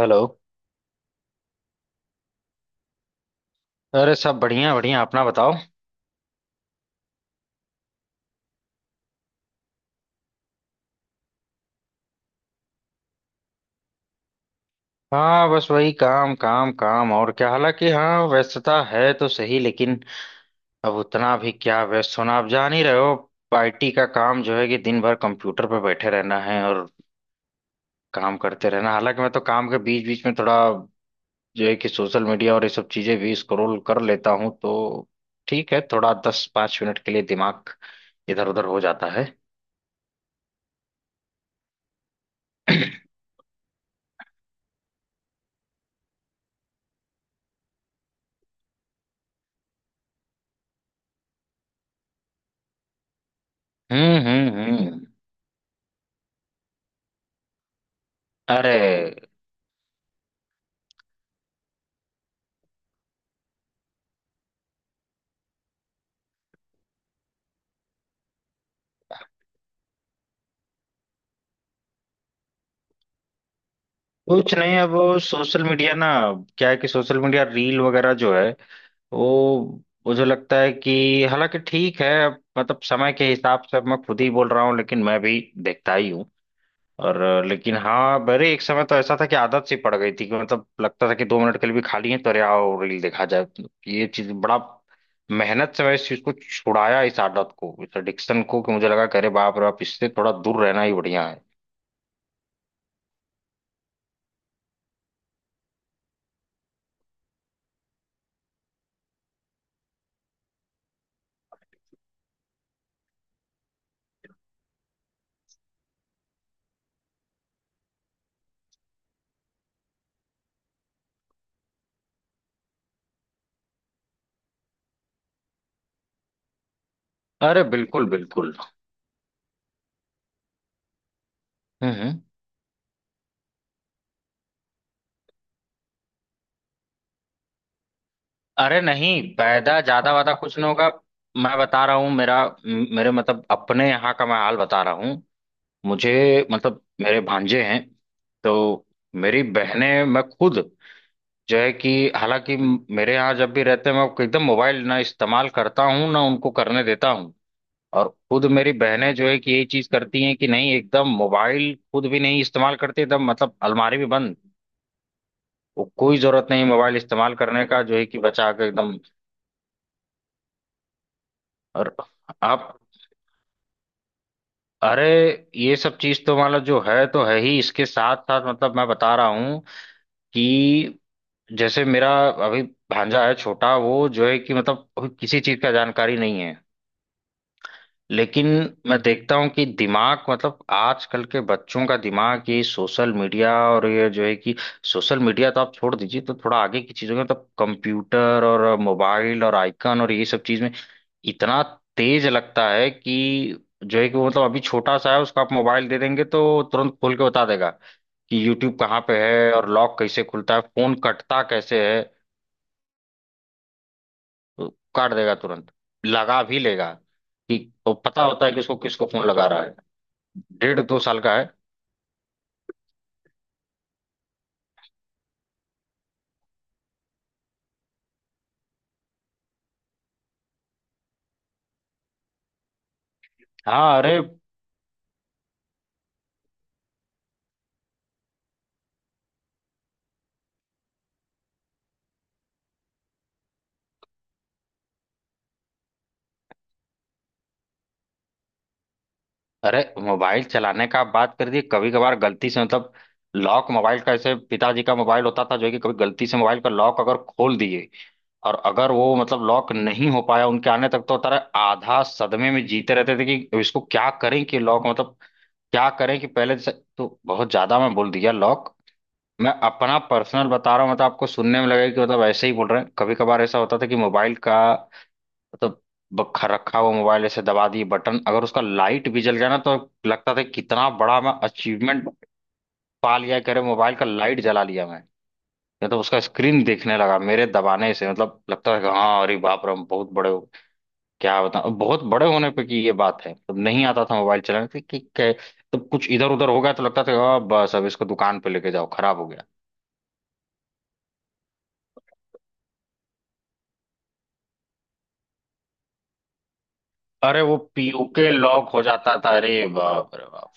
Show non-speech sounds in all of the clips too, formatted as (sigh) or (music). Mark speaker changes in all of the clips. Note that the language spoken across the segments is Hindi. Speaker 1: हेलो। अरे सब बढ़िया बढ़िया, अपना बताओ। हाँ बस वही काम काम काम और क्या। हालांकि हाँ व्यस्तता है तो सही, लेकिन अब उतना भी क्या व्यस्त होना, आप जान ही रहे हो। IT का काम जो है कि दिन भर कंप्यूटर पर बैठे रहना है और काम करते रहना। हालांकि मैं तो काम के बीच बीच में थोड़ा जो है कि सोशल मीडिया और ये सब चीजें भी स्क्रॉल कर लेता हूँ, तो ठीक है थोड़ा 10-5 मिनट के लिए दिमाग इधर उधर हो जाता है। (clears throat) हम्म। अरे कुछ नहीं, अब वो सोशल मीडिया ना क्या है कि सोशल मीडिया रील वगैरह जो है वो, मुझे लगता है कि हालांकि ठीक है, अब मतलब समय के हिसाब से अब मैं खुद ही बोल रहा हूँ लेकिन मैं भी देखता ही हूँ। और लेकिन हाँ मेरे एक समय तो ऐसा था कि आदत सी पड़ गई थी कि मतलब लगता था कि 2 मिनट के लिए भी खाली है तो अरे आओ रील देखा जाए। ये चीज बड़ा मेहनत से मैं इस चीज को छुड़ाया, इस आदत को इस एडिक्शन को, कि मुझे लगा कि अरे बाप रे बाप, इससे थोड़ा दूर रहना ही बढ़िया है। अरे बिल्कुल बिल्कुल। हम्म। अरे नहीं, पैदा ज्यादा वादा कुछ नहीं होगा। मैं बता रहा हूँ, मेरे मतलब अपने यहाँ का मैं हाल बता रहा हूँ। मुझे मतलब मेरे भांजे हैं, तो मेरी बहनें मैं खुद जो है कि हालांकि मेरे यहाँ जब भी रहते हैं, मैं एकदम मोबाइल ना इस्तेमाल करता हूँ ना उनको करने देता हूँ। और खुद मेरी बहनें जो है कि यही चीज करती हैं कि नहीं, एकदम मोबाइल खुद भी नहीं इस्तेमाल करती, एकदम मतलब अलमारी में बंद। वो कोई जरूरत नहीं मोबाइल इस्तेमाल करने का जो है कि बचा के एकदम। और आप अरे, ये सब चीज तो मतलब जो है तो है ही, इसके साथ साथ मतलब मैं बता रहा हूँ कि जैसे मेरा अभी भांजा है छोटा, वो जो है कि मतलब अभी किसी चीज का जानकारी नहीं है, लेकिन मैं देखता हूँ कि दिमाग मतलब आजकल के बच्चों का दिमाग ये सोशल मीडिया और ये जो है कि सोशल मीडिया तो आप छोड़ दीजिए, तो थोड़ा आगे की चीजों में मतलब कंप्यूटर और मोबाइल और आइकन और ये सब चीज में इतना तेज लगता है कि जो है कि वो मतलब अभी छोटा सा है, उसको आप मोबाइल दे देंगे तो तुरंत खोल के बता देगा कि यूट्यूब कहाँ पे है और लॉक कैसे खुलता है, फोन कटता कैसे है। तो काट देगा तुरंत, लगा भी लेगा कि वो पता होता है कि उसको किसको फोन लगा रहा है। 1.5-2 साल का है। हाँ अरे, अरे मोबाइल चलाने का आप बात कर दी, कभी कभार गलती से मतलब लॉक मोबाइल का ऐसे पिताजी का मोबाइल होता था जो है कि कभी गलती से मोबाइल का लॉक अगर खोल दिए और अगर वो मतलब लॉक नहीं हो पाया उनके आने तक, तो तारा आधा सदमे में जीते रहते थे कि इसको क्या करें कि लॉक मतलब क्या करें कि पहले से तो बहुत ज्यादा मैं बोल दिया लॉक। मैं अपना पर्सनल बता रहा हूँ, मतलब आपको सुनने में लगेगा कि मतलब ऐसे ही बोल रहे हैं, कभी कभार ऐसा होता था कि मोबाइल का मतलब रखा हुआ मोबाइल ऐसे दबा दिए बटन, अगर उसका लाइट भी जल गया ना तो लगता था कितना बड़ा मैं अचीवमेंट पा लिया, करे मोबाइल का लाइट जला लिया मैं। या तो उसका स्क्रीन देखने लगा मेरे दबाने से, मतलब लगता था कि हाँ अरे बाप रे हम बहुत बड़े हो, क्या बताऊं बहुत बड़े होने पे की ये बात है, तब नहीं आता था मोबाइल चलाने कि तब कुछ इधर उधर हो गया तो लगता था "आ, बस अब इसको दुकान पे लेके जाओ खराब हो गया। अरे वो PUK लॉक हो जाता था, अरे बाप रे बाप।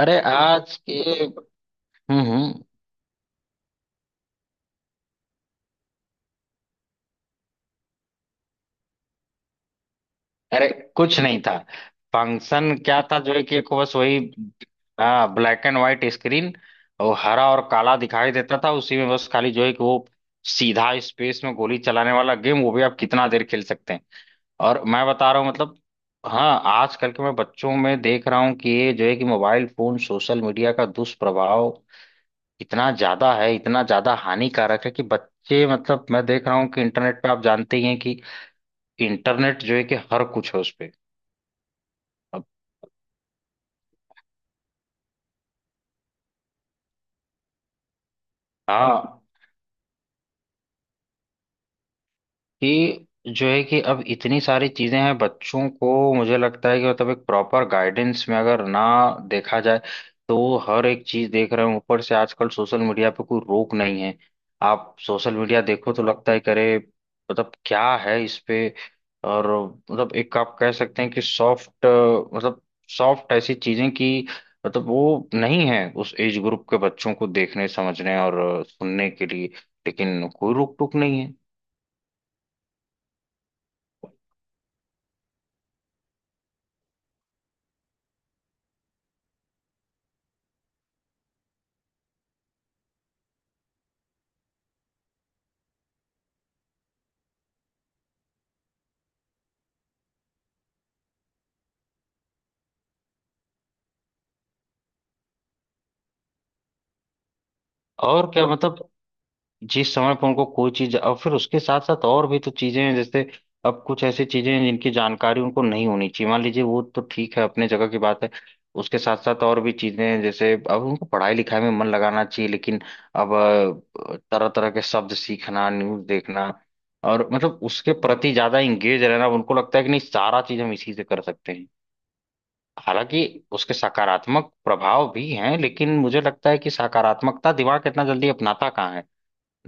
Speaker 1: अरे आज के, हम्म। अरे कुछ नहीं था, फंक्शन क्या था जो है कि एक बस वही। हाँ ब्लैक एंड व्हाइट स्क्रीन, वो हरा और काला दिखाई देता था उसी में बस खाली जो है कि वो सीधा स्पेस में गोली चलाने वाला गेम, वो भी आप कितना देर खेल सकते हैं। और मैं बता रहा हूँ मतलब हाँ आजकल के मैं बच्चों में देख रहा हूँ कि ये जो है कि मोबाइल फोन सोशल मीडिया का दुष्प्रभाव इतना ज्यादा है, इतना ज्यादा हानिकारक है कि बच्चे मतलब मैं देख रहा हूँ कि इंटरनेट पे आप जानते ही हैं कि इंटरनेट जो है कि हर कुछ है उस पे। हाँ, कि जो है कि अब इतनी सारी चीजें हैं बच्चों को, मुझे लगता है कि मतलब एक प्रॉपर गाइडेंस में अगर ना देखा जाए तो वो हर एक चीज देख रहे हैं, ऊपर से आजकल सोशल मीडिया पे कोई रोक नहीं है। आप सोशल मीडिया देखो तो लगता है कि अरे मतलब क्या है इस पे। और मतलब एक आप कह सकते हैं कि सॉफ्ट मतलब सॉफ्ट ऐसी चीजें कि मतलब वो नहीं है उस एज ग्रुप के बच्चों को देखने समझने और सुनने के लिए, लेकिन कोई रोक टोक नहीं है। और क्या मतलब जिस समय पर उनको कोई चीज, और फिर उसके साथ साथ और भी तो चीजें हैं जैसे अब कुछ ऐसी चीजें हैं जिनकी जानकारी उनको नहीं होनी चाहिए, मान लीजिए, वो तो ठीक है अपने जगह की बात है। उसके साथ साथ और भी चीजें हैं जैसे अब उनको पढ़ाई लिखाई में मन लगाना चाहिए, लेकिन अब तरह तरह के शब्द सीखना न्यूज देखना और मतलब उसके प्रति ज्यादा इंगेज रहना, अब उनको लगता है कि नहीं सारा चीज हम इसी से कर सकते हैं। हालांकि उसके सकारात्मक प्रभाव भी हैं, लेकिन मुझे लगता है कि सकारात्मकता दिमाग इतना जल्दी अपनाता कहाँ है,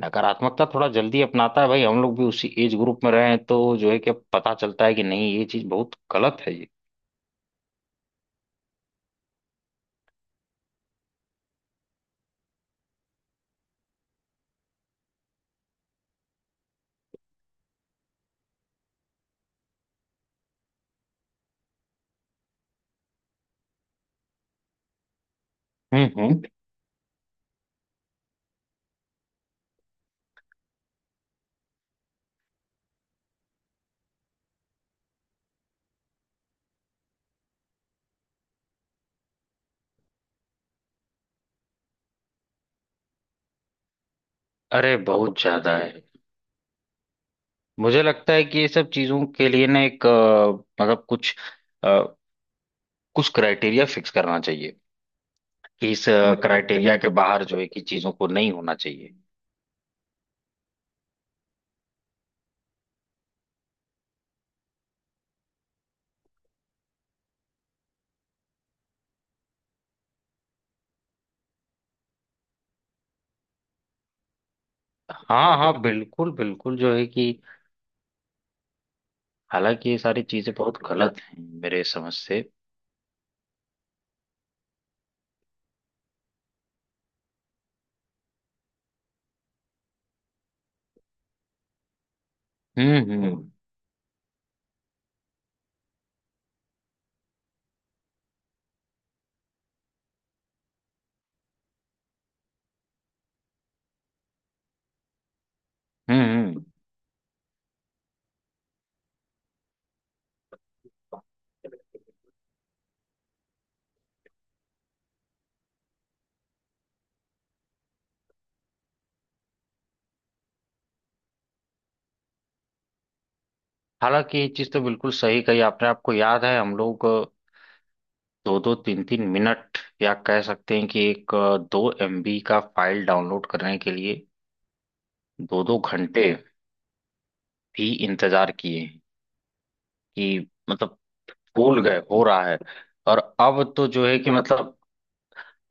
Speaker 1: नकारात्मकता थोड़ा जल्दी अपनाता है, भाई हम लोग भी उसी एज ग्रुप में रहे हैं तो जो है कि अब पता चलता है कि नहीं ये चीज बहुत गलत है ये। हम्म। अरे बहुत ज्यादा है। मुझे लगता है कि ये सब चीजों के लिए ना एक मतलब कुछ अ, कुछ क्राइटेरिया फिक्स करना चाहिए कि इस क्राइटेरिया के बाहर जो है कि चीजों को नहीं होना चाहिए। हाँ हाँ बिल्कुल बिल्कुल जो है कि हालांकि ये सारी चीजें बहुत गलत हैं मेरे समझ से। हम्म हम्म हम्म। हालांकि ये चीज तो बिल्कुल सही कही आपने, आपको याद है हम लोग दो दो तीन तीन मिनट या कह सकते हैं कि एक 2 MB का फाइल डाउनलोड करने के लिए दो दो घंटे भी इंतजार किए, कि मतलब भूल गए हो रहा है। और अब तो जो है कि मतलब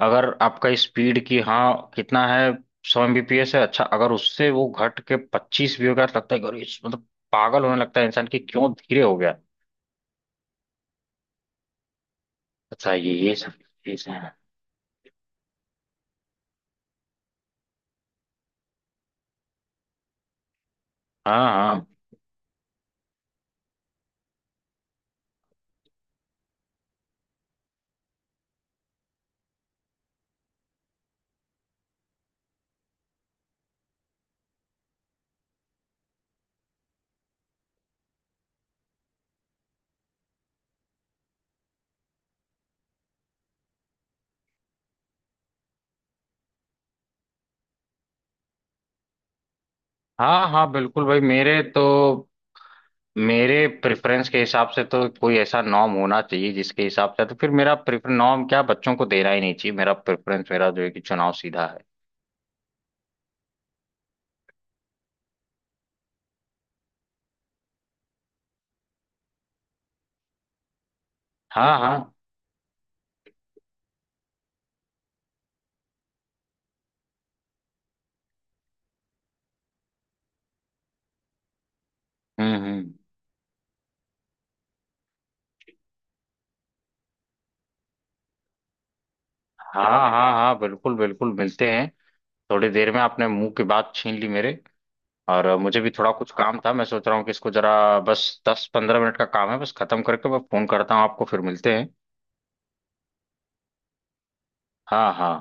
Speaker 1: अगर आपका स्पीड की हाँ कितना है, 100 Mbps है, अच्छा अगर उससे वो घट के 25 भी हो गया तो लगता है कि अरे मतलब पागल होने लगता है इंसान कि क्यों धीरे हो गया। अच्छा ये सब चीज है। हाँ हाँ हाँ हाँ, बिल्कुल भाई मेरे तो मेरे प्रेफरेंस के हिसाब से तो कोई ऐसा नॉर्म होना चाहिए जिसके हिसाब से तो फिर मेरा प्रेफर नॉर्म क्या, बच्चों को देना ही नहीं चाहिए, मेरा प्रेफरेंस मेरा जो है कि चुनाव सीधा है। हाँ हाँ। हम्म। हाँ हाँ हाँ बिल्कुल बिल्कुल मिलते हैं थोड़ी देर में। आपने मुंह की बात छीन ली मेरे। और मुझे भी थोड़ा कुछ काम था, मैं सोच रहा हूँ कि इसको जरा बस 10-15 मिनट का काम है, बस खत्म करके मैं फोन करता हूँ आपको, फिर मिलते हैं। हाँ हाँ।